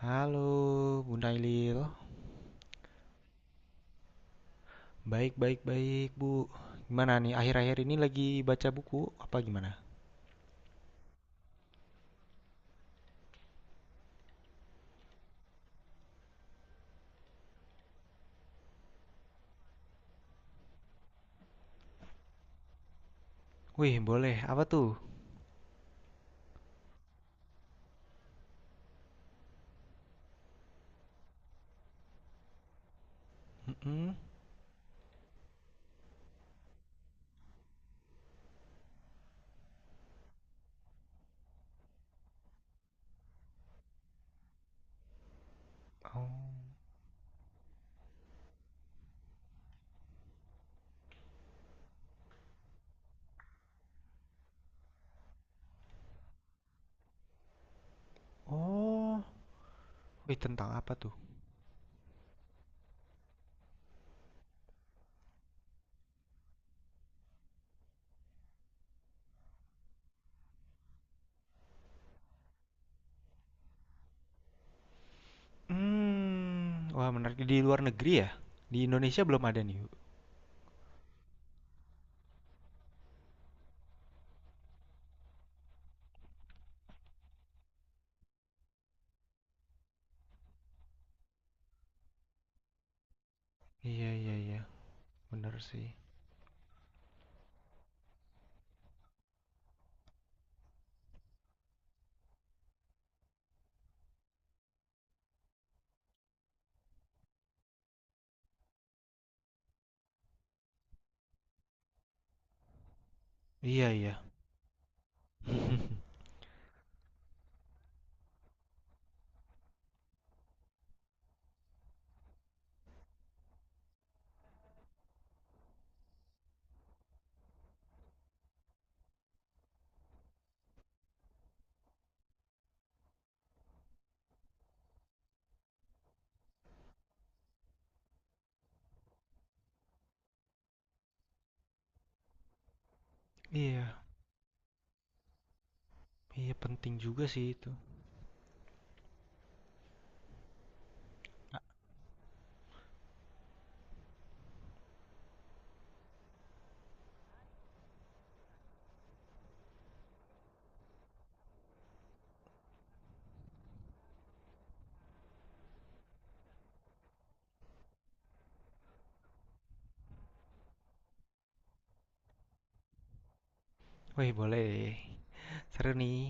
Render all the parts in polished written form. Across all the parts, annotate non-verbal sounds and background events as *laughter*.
Halo, Bunda Ilil. Baik, baik, baik, Bu. Gimana nih, akhir-akhir ini lagi baca buku apa gimana? Wih, boleh. Apa tuh? Mm-mm. Oh. Oh. Wih, tentang apa tuh? Hmm. Wah, menarik. Di luar negeri ya? Di Indonesia belum ada nih, Bu. Iya, iya, iya. Bener sih. Iya, iya. *laughs* Iya. Iya, penting juga sih itu. Wih, boleh. Seru nih.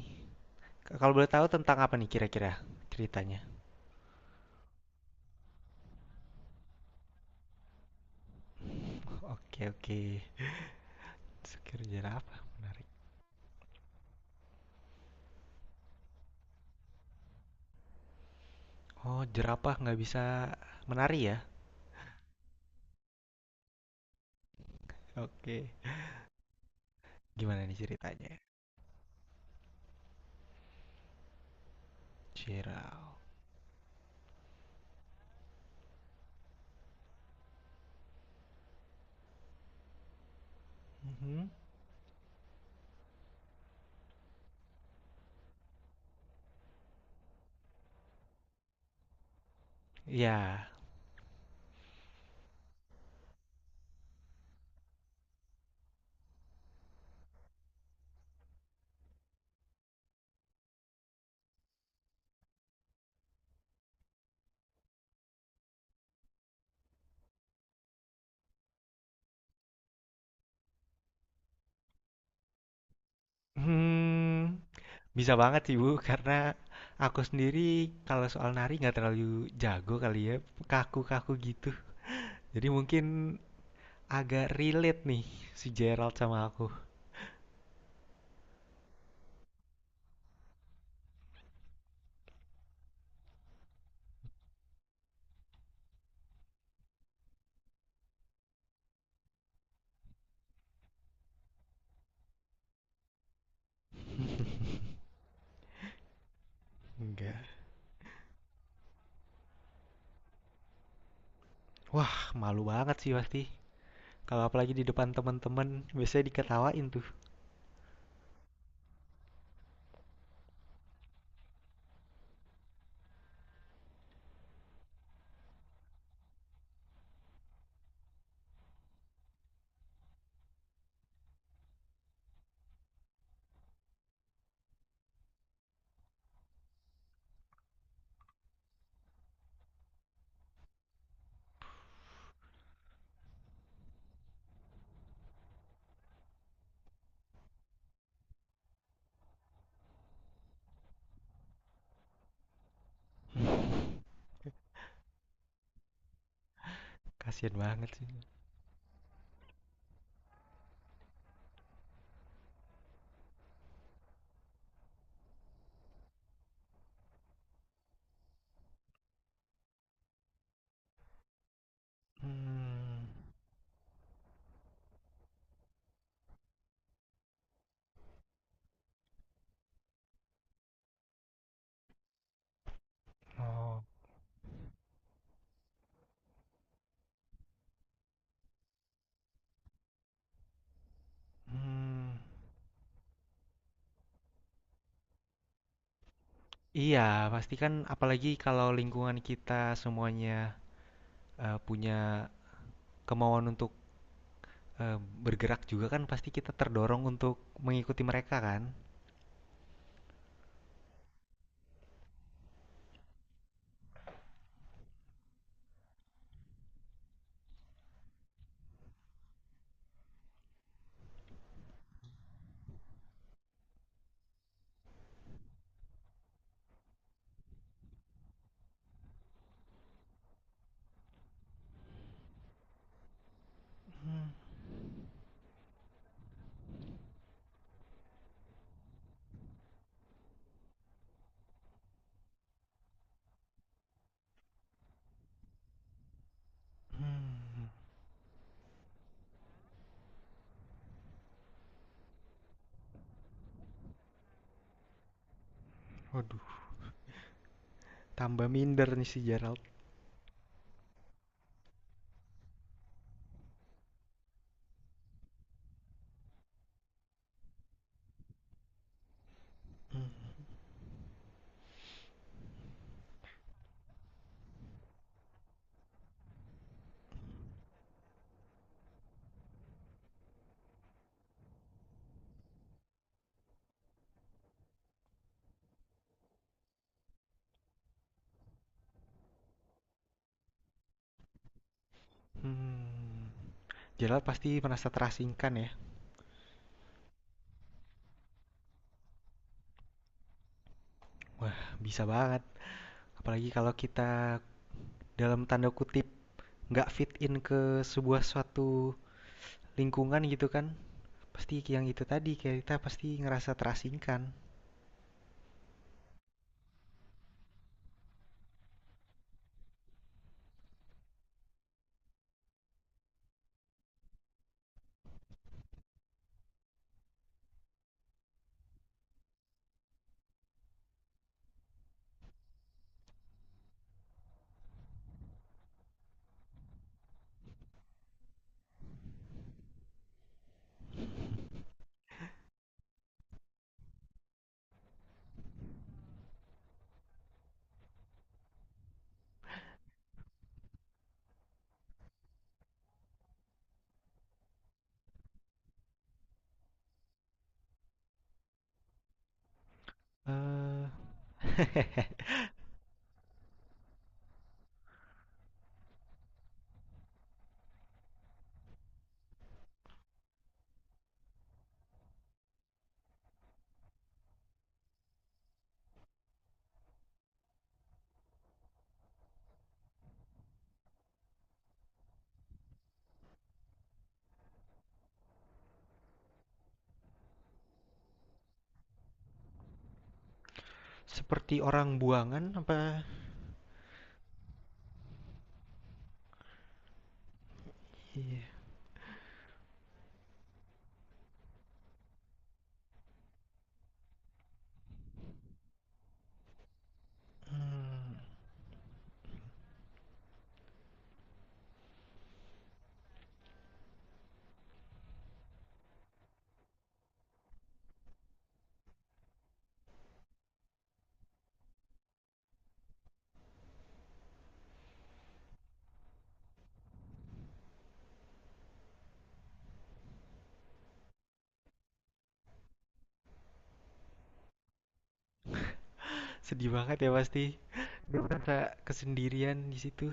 Kalau boleh tahu tentang apa nih kira-kira ceritanya? Oke, oke. Sekir jerapah menarik. Oh, jerapah nggak bisa menari ya? Oke. Okay. Gimana nih ceritanya? Jirau. Hmm. Ya. Hmm, bisa banget sih Bu, karena aku sendiri kalau soal nari nggak terlalu jago kali ya, kaku-kaku gitu. Jadi mungkin agak relate nih si Gerald sama aku. Enggak. Wah, malu banget sih pasti. Kalau apalagi di depan teman-teman, biasanya diketawain tuh. Kasian banget sih. Hmm. Oh, hmm, iya, pasti kan apalagi kalau lingkungan kita semuanya punya kemauan untuk eh, bergerak juga kan pasti kita terdorong untuk mengikuti mereka kan. Hmm, hmm, waduh, tambah minder nih si Gerald. Hmm, Gerald pasti merasa terasingkan ya. Wah, bisa banget. Apalagi kalau kita dalam tanda kutip nggak fit in ke sebuah suatu lingkungan gitu kan. Pasti yang itu tadi, kita pasti ngerasa terasingkan. Eee, *laughs* seperti orang buangan apa iya, mmm, sedih banget ya pasti. Dia merasa kesendirian di situ.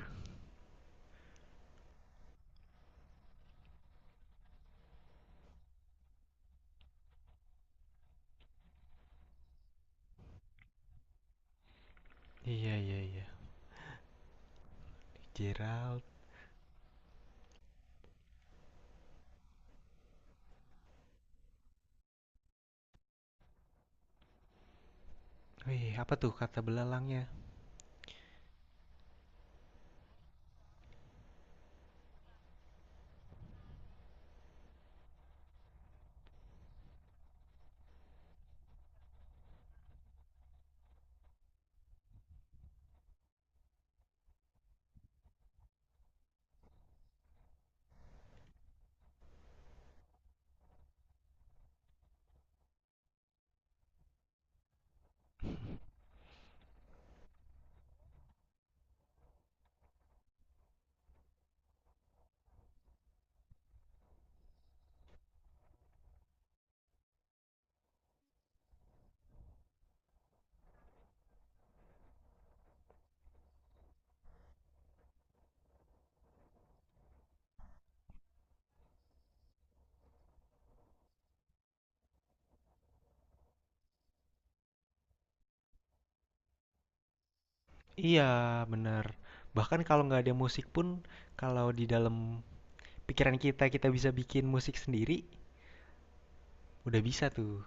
Iya iya iya, Gerald. Wih, apa tuh kata belalangnya? Iya, benar. Bahkan kalau nggak ada musik pun, kalau di dalam pikiran kita, kita bisa bikin musik sendiri, udah bisa tuh.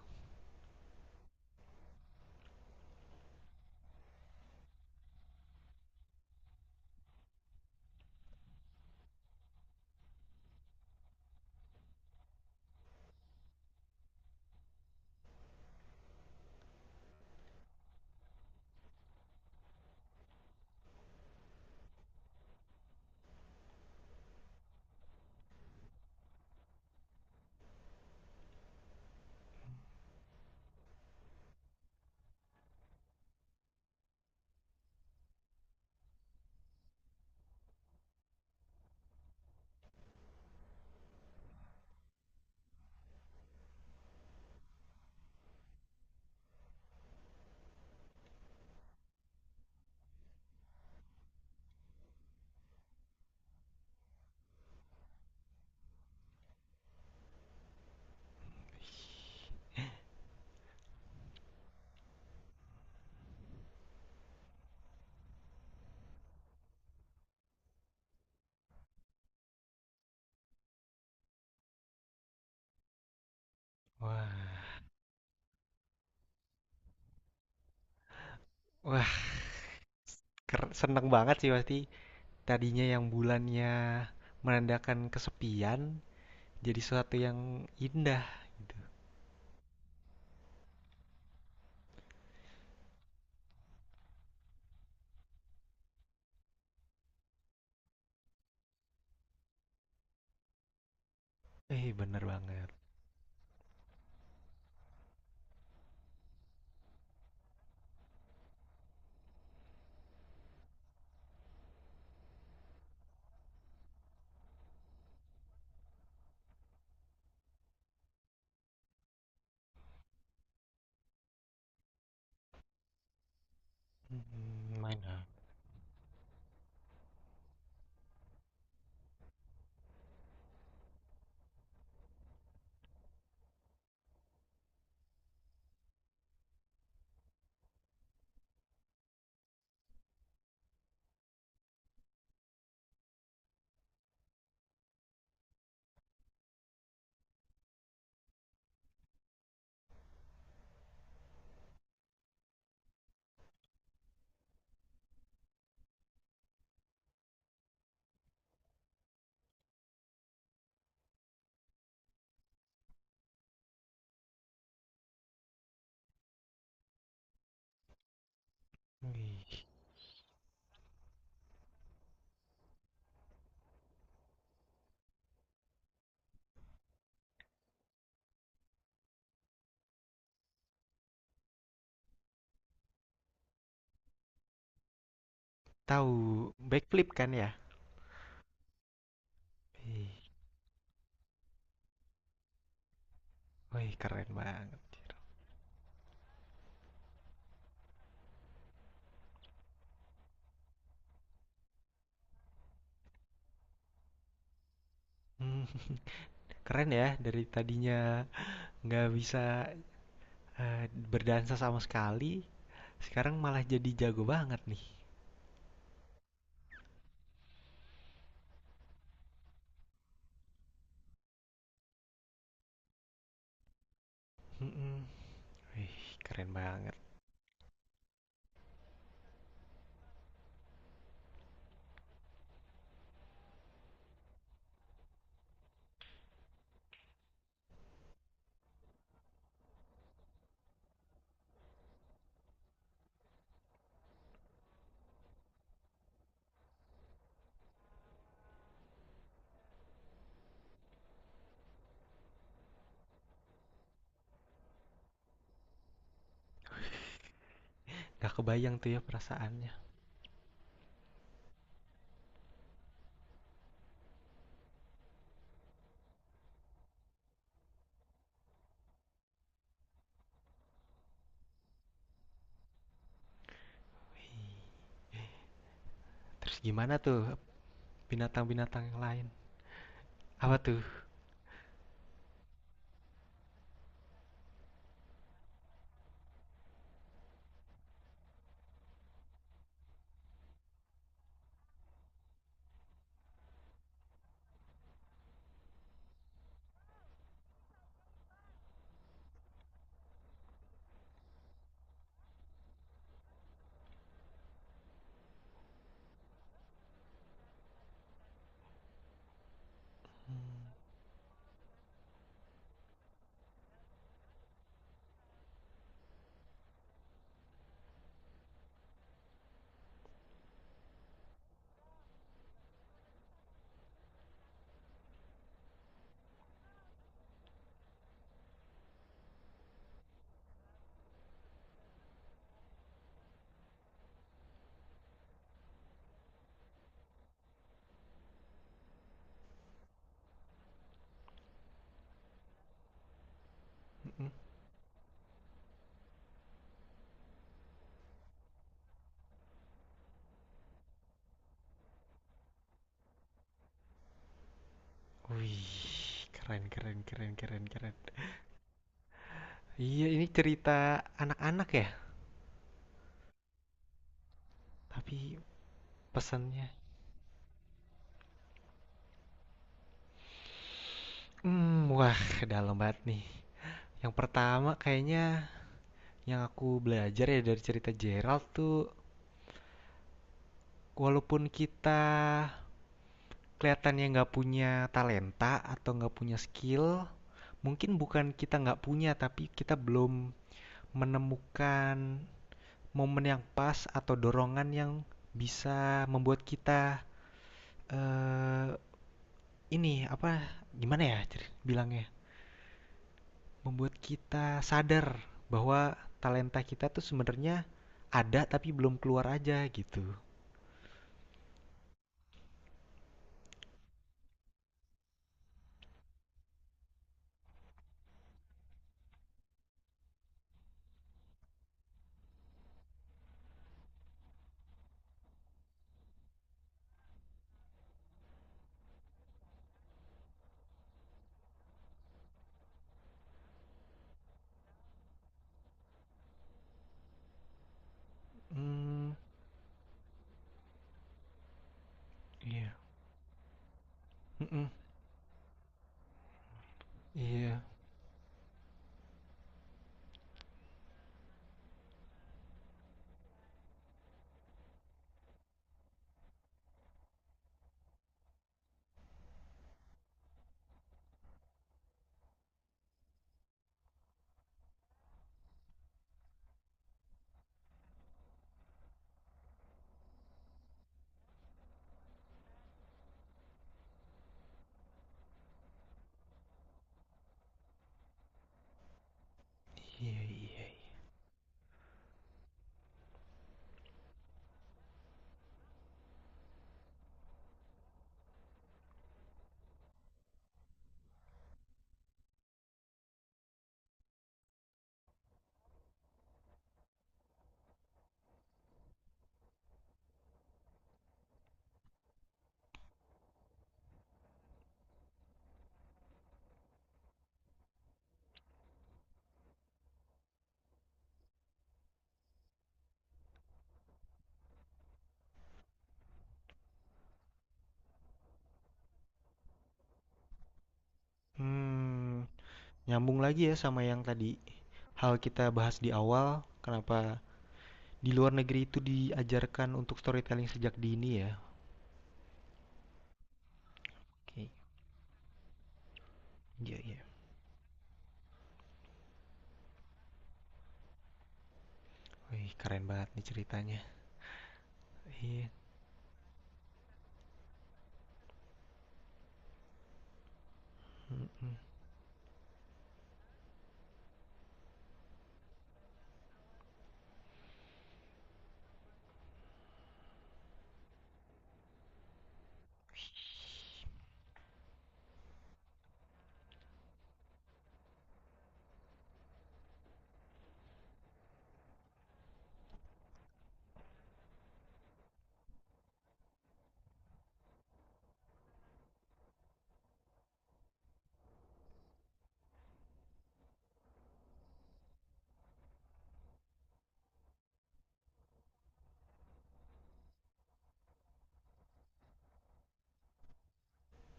Wah, wah, seneng banget sih pasti. Tadinya yang bulannya menandakan kesepian, jadi sesuatu yang indah. Eh, bener banget. Hmm, mana? Tahu backflip kan ya? Wih, wih, keren banget. Hmm, keren ya dari tadinya nggak bisa eh, berdansa sama sekali, sekarang malah jadi jago banget nih. Hmm, wih, keren banget. Gak kebayang tuh ya perasaannya. Terus gimana tuh binatang-binatang yang lain? Apa tuh? Mm. Wih, keren, keren, keren, keren, keren. Iya, ini cerita anak-anak ya, tapi pesannya, hmm, wah, dalam banget nih. Yang pertama kayaknya yang aku belajar ya dari cerita Gerald tuh, walaupun kita kelihatannya nggak punya talenta atau nggak punya skill, mungkin bukan kita nggak punya, tapi kita belum menemukan momen yang pas atau dorongan yang bisa membuat kita eh, ini apa bilangnya membuat kita sadar bahwa talenta kita tuh sebenarnya ada tapi belum keluar aja gitu. Hmm, iya. Mm. Iya, iya, iya, iya. Hmm, nyambung lagi ya sama yang tadi hal kita bahas di awal, kenapa di luar negeri itu diajarkan untuk storytelling sejak dini ya. Oke, okay. Iya, yeah, iya. Yeah. Wih, keren banget nih ceritanya. Iya. Yeah.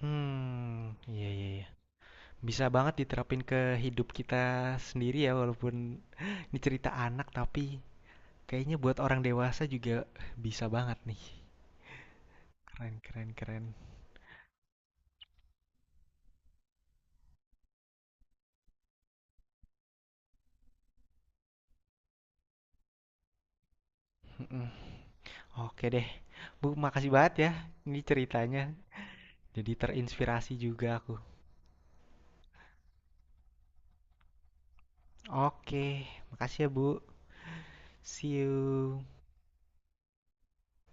Hmm, iya, yeah, iya, yeah. Bisa banget diterapin ke hidup kita sendiri ya, walaupun *laughs* ini cerita anak, tapi kayaknya buat orang dewasa juga bisa banget nih. Keren, keren, keren. Mm-mm. Oke deh. Bu, makasih banget ya ini ceritanya. Jadi terinspirasi juga aku. Oke, makasih ya, Bu. See you.